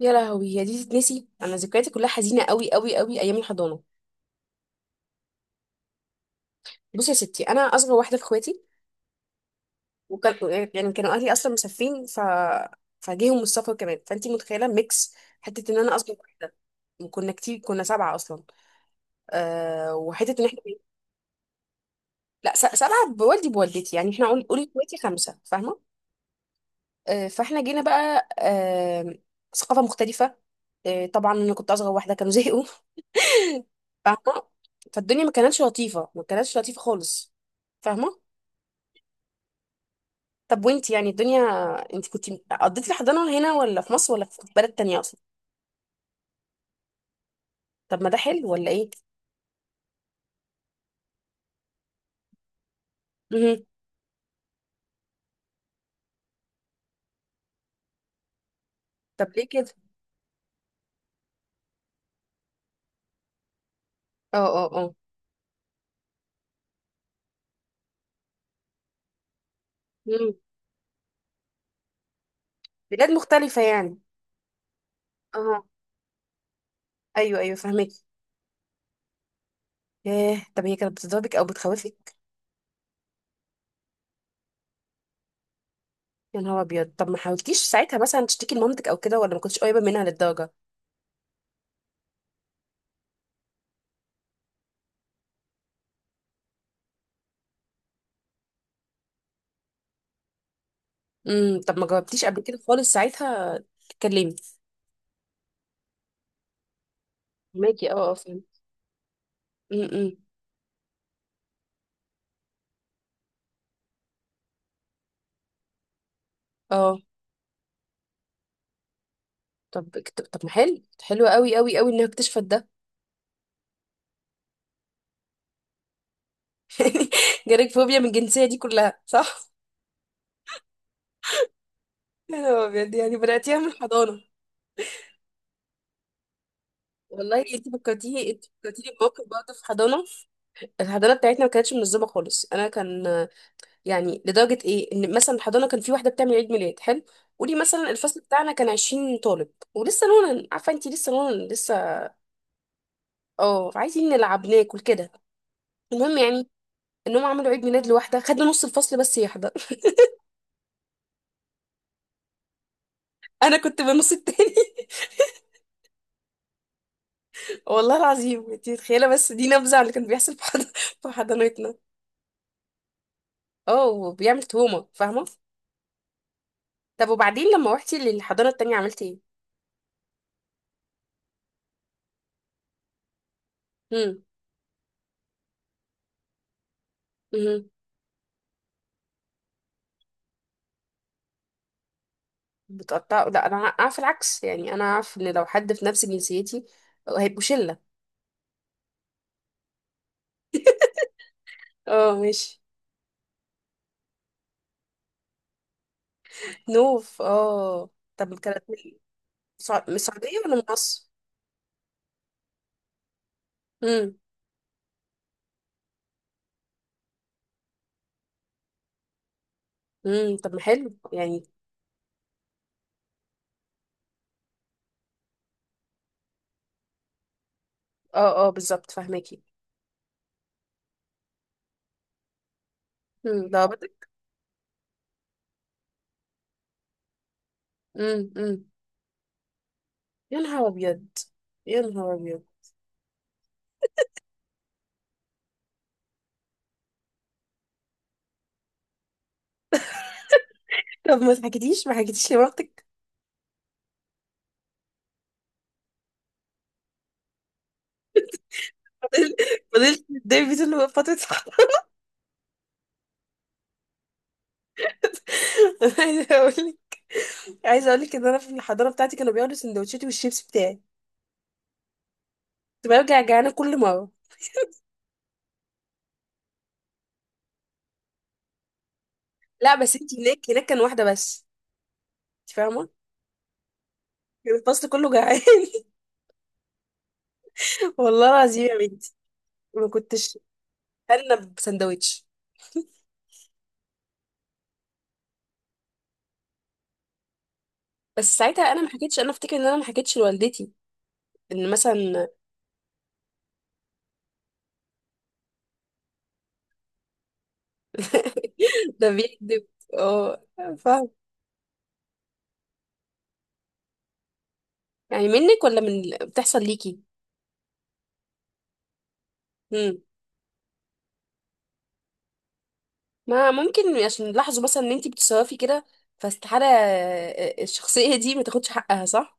يا لهوي، هي دي تتنسي؟ انا ذكرياتي كلها حزينه قوي قوي قوي ايام الحضانه. بصي يا ستي، انا اصغر واحده في اخواتي. يعني كانوا اهلي اصلا مسافرين فجيهم من السفر كمان، فانتي متخيله ميكس، حته ان انا اصغر واحده. كنا كتير، كنا سبعه اصلا. وحته ان احنا... لا، سبعه بوالدي بوالدتي، يعني احنا قولي اخواتي خمسه، فاهمه. فاحنا جينا بقى، ثقافه مختلفه. طبعا انا كنت اصغر واحده، كانوا زهقوا، فاهمه. فالدنيا ما كانتش لطيفه، ما كانتش لطيفه خالص، فاهمه. طب وانت يعني الدنيا، انت كنت... قضيتي الحضانة هنا ولا في مصر ولا في بلد تانية اصلا؟ طب ما ده حلو ولا ايه؟ مهم. طب ليه كده؟ اه، اه، اه. مم. بلاد مختلفة يعني. اه، ايوه، ايوه، فهمك. ايه، طب هي كانت بتضربك او بتخوفك؟ يا نهار ابيض، طب ما حاولتيش ساعتها مثلا تشتكي لمامتك او كده، ولا ما كنتش قريبة منها للدرجة؟ امم، طب ما جاوبتيش قبل كده خالص ساعتها تتكلمي؟ فهماكي، اه، اه، فهمت. امم. اه. طب، طب، طب، ما حلو، حلو قوي قوي قوي انها اكتشفت ده. جالك فوبيا من الجنسية دي كلها صح؟ يا نهار أبيض، يعني بدأتيها من الحضانة؟ والله انت فكرتيني بموقف برضه في حضانة. الحضانة بتاعتنا ما كانتش منظمة خالص. أنا كان... يعني لدرجة إيه إن مثلا الحضانة كان في واحدة بتعمل عيد ميلاد حلو. قولي مثلا الفصل بتاعنا كان 20 طالب، ولسه نونا، عارفة انت لسه نونا لسه. اه، عايزين نلعب ناكل كده. المهم، يعني انهم عملوا عيد ميلاد لواحدة خدنا نص الفصل بس يحضر. انا كنت بالنص التاني. والله العظيم انت متخيله، بس دي نبذه على اللي كان بيحصل في في حضانتنا. اه، وبيعمل تهمه، فاهمه. طب وبعدين لما روحتي للحضانه التانية عملتي ايه؟ امم، امم. بتقطع؟ لا، انا اعرف العكس، يعني انا اعرف ان لو حد في نفس جنسيتي هيبقوا شله. اه، ماشي. نوف، اه. طب كانت من... من السعوديه ولا من مصر؟ امم، امم. طب ما حلو يعني. اه، اه، بالظبط فاهماكي. امم، ضربتك. امم، امم. يا نهار ابيض. يا نهار ابيض. طب ما حكيتيش لمامتك؟ فضلت فضلت تتضايقي طول فترة الحضانة؟ عايزة اقول لك عايزة اقول لك ان انا في الحضانة بتاعتي كانوا بياخدوا سندوتشاتي والشيبس بتاعي، كنت برجع جعانة كل مرة. لا، بس انت، هناك كان واحدة بس، انت فاهمة. كان الفصل كله جعان. والله العظيم يا بنتي. ما كنتش... انا بسندوتش. بس ساعتها انا ما حكيتش، انا افتكر ان انا ما حكيتش لوالدتي ان مثلا... ده بيكذب. اه، فاهم. يعني منك ولا من بتحصل ليكي؟ ما ممكن عشان لاحظوا مثلا ان انتي بتصرفي كده، فاستحالة الشخصية دي ما تاخدش حقها صح؟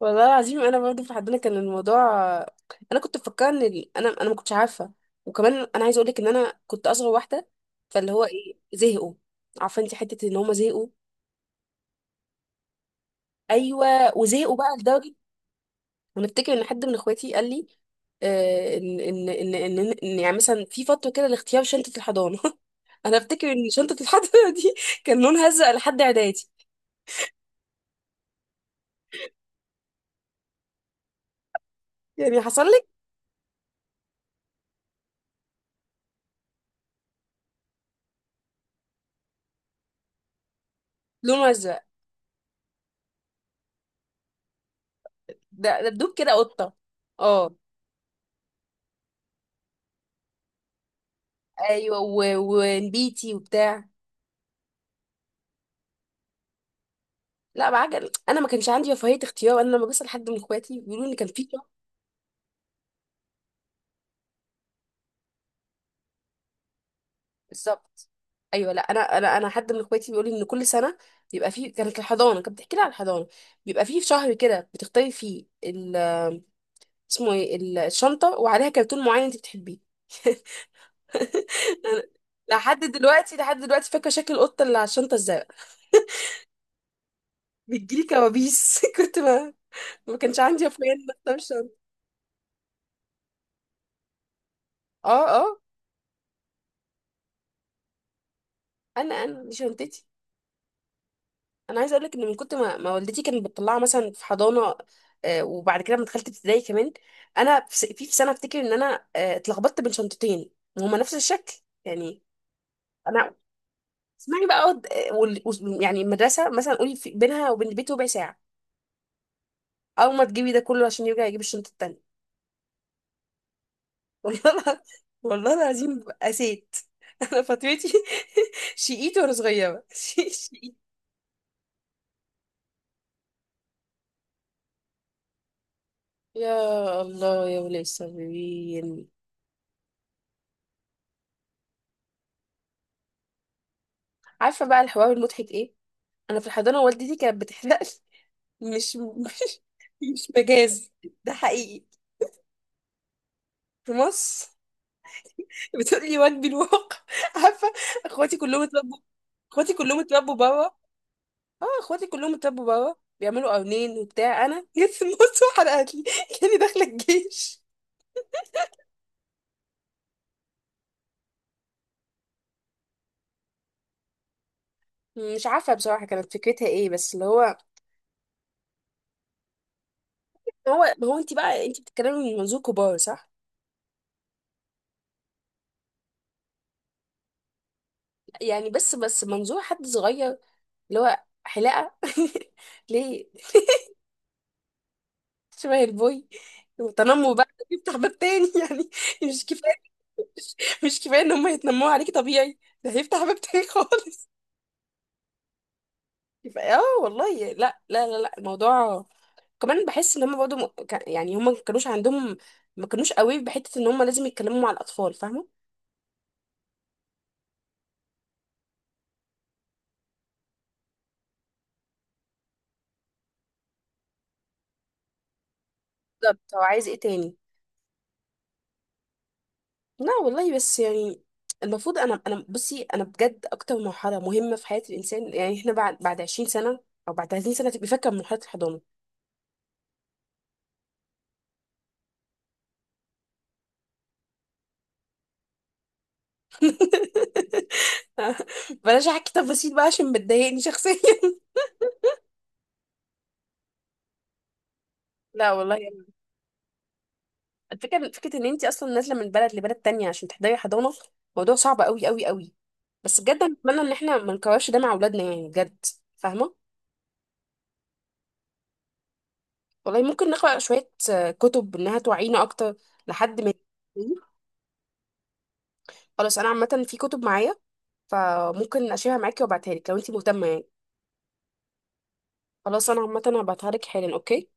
والله العظيم، انا برضه في حدنا كان الموضوع. انا كنت مفكره ان انا ما كنتش عارفة. وكمان انا عايزة اقول لك ان انا كنت اصغر واحدة، فاللي هو ايه، زهقوا. عارفة انتي حتة ان هما زهقوا. ايوه، وزهقوا بقى لدرجة... انا افتكر ان حد من اخواتي قال لي إن يعني مثلا في فترة كده لاختيار شنطة الحضانة. انا افتكر ان شنطة الحضانة دي كان لونها ازرق لحد اعدادي. يعني حصل لك؟ لونه ازرق. ده ده دوب كده قطه. اه. ايوه، ونبيتي وبتاع. لا بعجل، انا ما كانش عندي رفاهيه اختيار. انا لما بسال حد من اخواتي بيقولوا لي كان في شهر. بالظبط. ايوه، لا، انا حد من اخواتي بيقول لي ان كل سنه بيبقى فيه... كانت الحضانه كانت بتحكي لي على الحضانه، بيبقى فيه شهر كده بتختاري فيه ال... اسمه ايه الشنطه، وعليها كرتون معين انت بتحبيه. أنا لحد دلوقتي، لحد دلوقتي فاكره شكل القطه اللي على الشنطه الزرقاء. بتجيلي كوابيس. كنت ما كانش عندي اخوان بختار شنطه. اه، اه. انا دي شنطتي. انا عايزه اقول لك ان من كنت ما والدتي كانت بتطلعها مثلا في حضانه، وبعد كده لما دخلت ابتدائي كمان، انا في في سنه افتكر ان انا اتلخبطت بين شنطتين وهما نفس الشكل، يعني. انا اسمعي بقى أقعد، يعني المدرسه مثلا قولي في بينها وبين البيت ربع ساعه. اول ما تجيبي ده كله عشان يرجع يجيب الشنطه التانيه. والله الع- والله العظيم قسيت. انا فاتوتي. شقيت وانا صغيره. يا الله يا ولي الصابرين. عارفه بقى الحوار المضحك ايه؟ انا في الحضانه والدتي كانت بتحلق لي. مش مش مجاز، ده حقيقي. في مصر. بتقول لي واجبي الواقع. عارفه، اخواتي كلهم اتربوا. اخواتي كلهم اتربوا بره اه اخواتي كلهم اتربوا بره بيعملوا قرنين وبتاع، انا جيت في النص وحلقت لي كاني داخله الجيش. مش عارفه بصراحه كانت فكرتها ايه، بس اللي هو... هو ما هو انت بقى، انت بتتكلمي من منظور كبار صح؟ يعني بس منظور حد صغير اللي هو حلاقة. ليه؟ شبه البوي. وتنمر بقى يفتح باب تاني يعني. مش كفاية مش مش كفاية ان هم يتنمروا عليكي طبيعي، ده هيفتح باب تاني خالص. يبقى اه، والله لا، لا، لا، لا، الموضوع كمان، بحس ان هم برضه يعني هم ما كانوش عندهم، ما كانوش قوي بحتة ان هم لازم يتكلموا مع الاطفال، فاهمة. بالظبط، هو عايز ايه تاني؟ لا والله، بس يعني المفروض انا بصي، انا بجد اكتر مرحله مهمه في حياه الانسان. يعني احنا بعد 20 سنه او بعد 30 سنه تبقى فاكره من مرحله الحضانه. بلاش احكي تفاصيل بقى عشان بتضايقني شخصيا. لا والله يعني. الفكره فكره ان انت اصلا نازله من بلد لبلد تانية عشان تحضري حضانه، موضوع صعب قوي قوي قوي. بس بجد انا اتمنى ان احنا ما نكررش ده مع اولادنا، يعني بجد، فاهمه. والله ممكن نقرا شويه كتب انها توعينا اكتر، لحد ما... خلاص، انا عامه في كتب معايا، فممكن اشيلها معاكي وابعتها لك لو انت مهتمه يعني. خلاص، انا عامه هبعتها لك حالا. اوكي.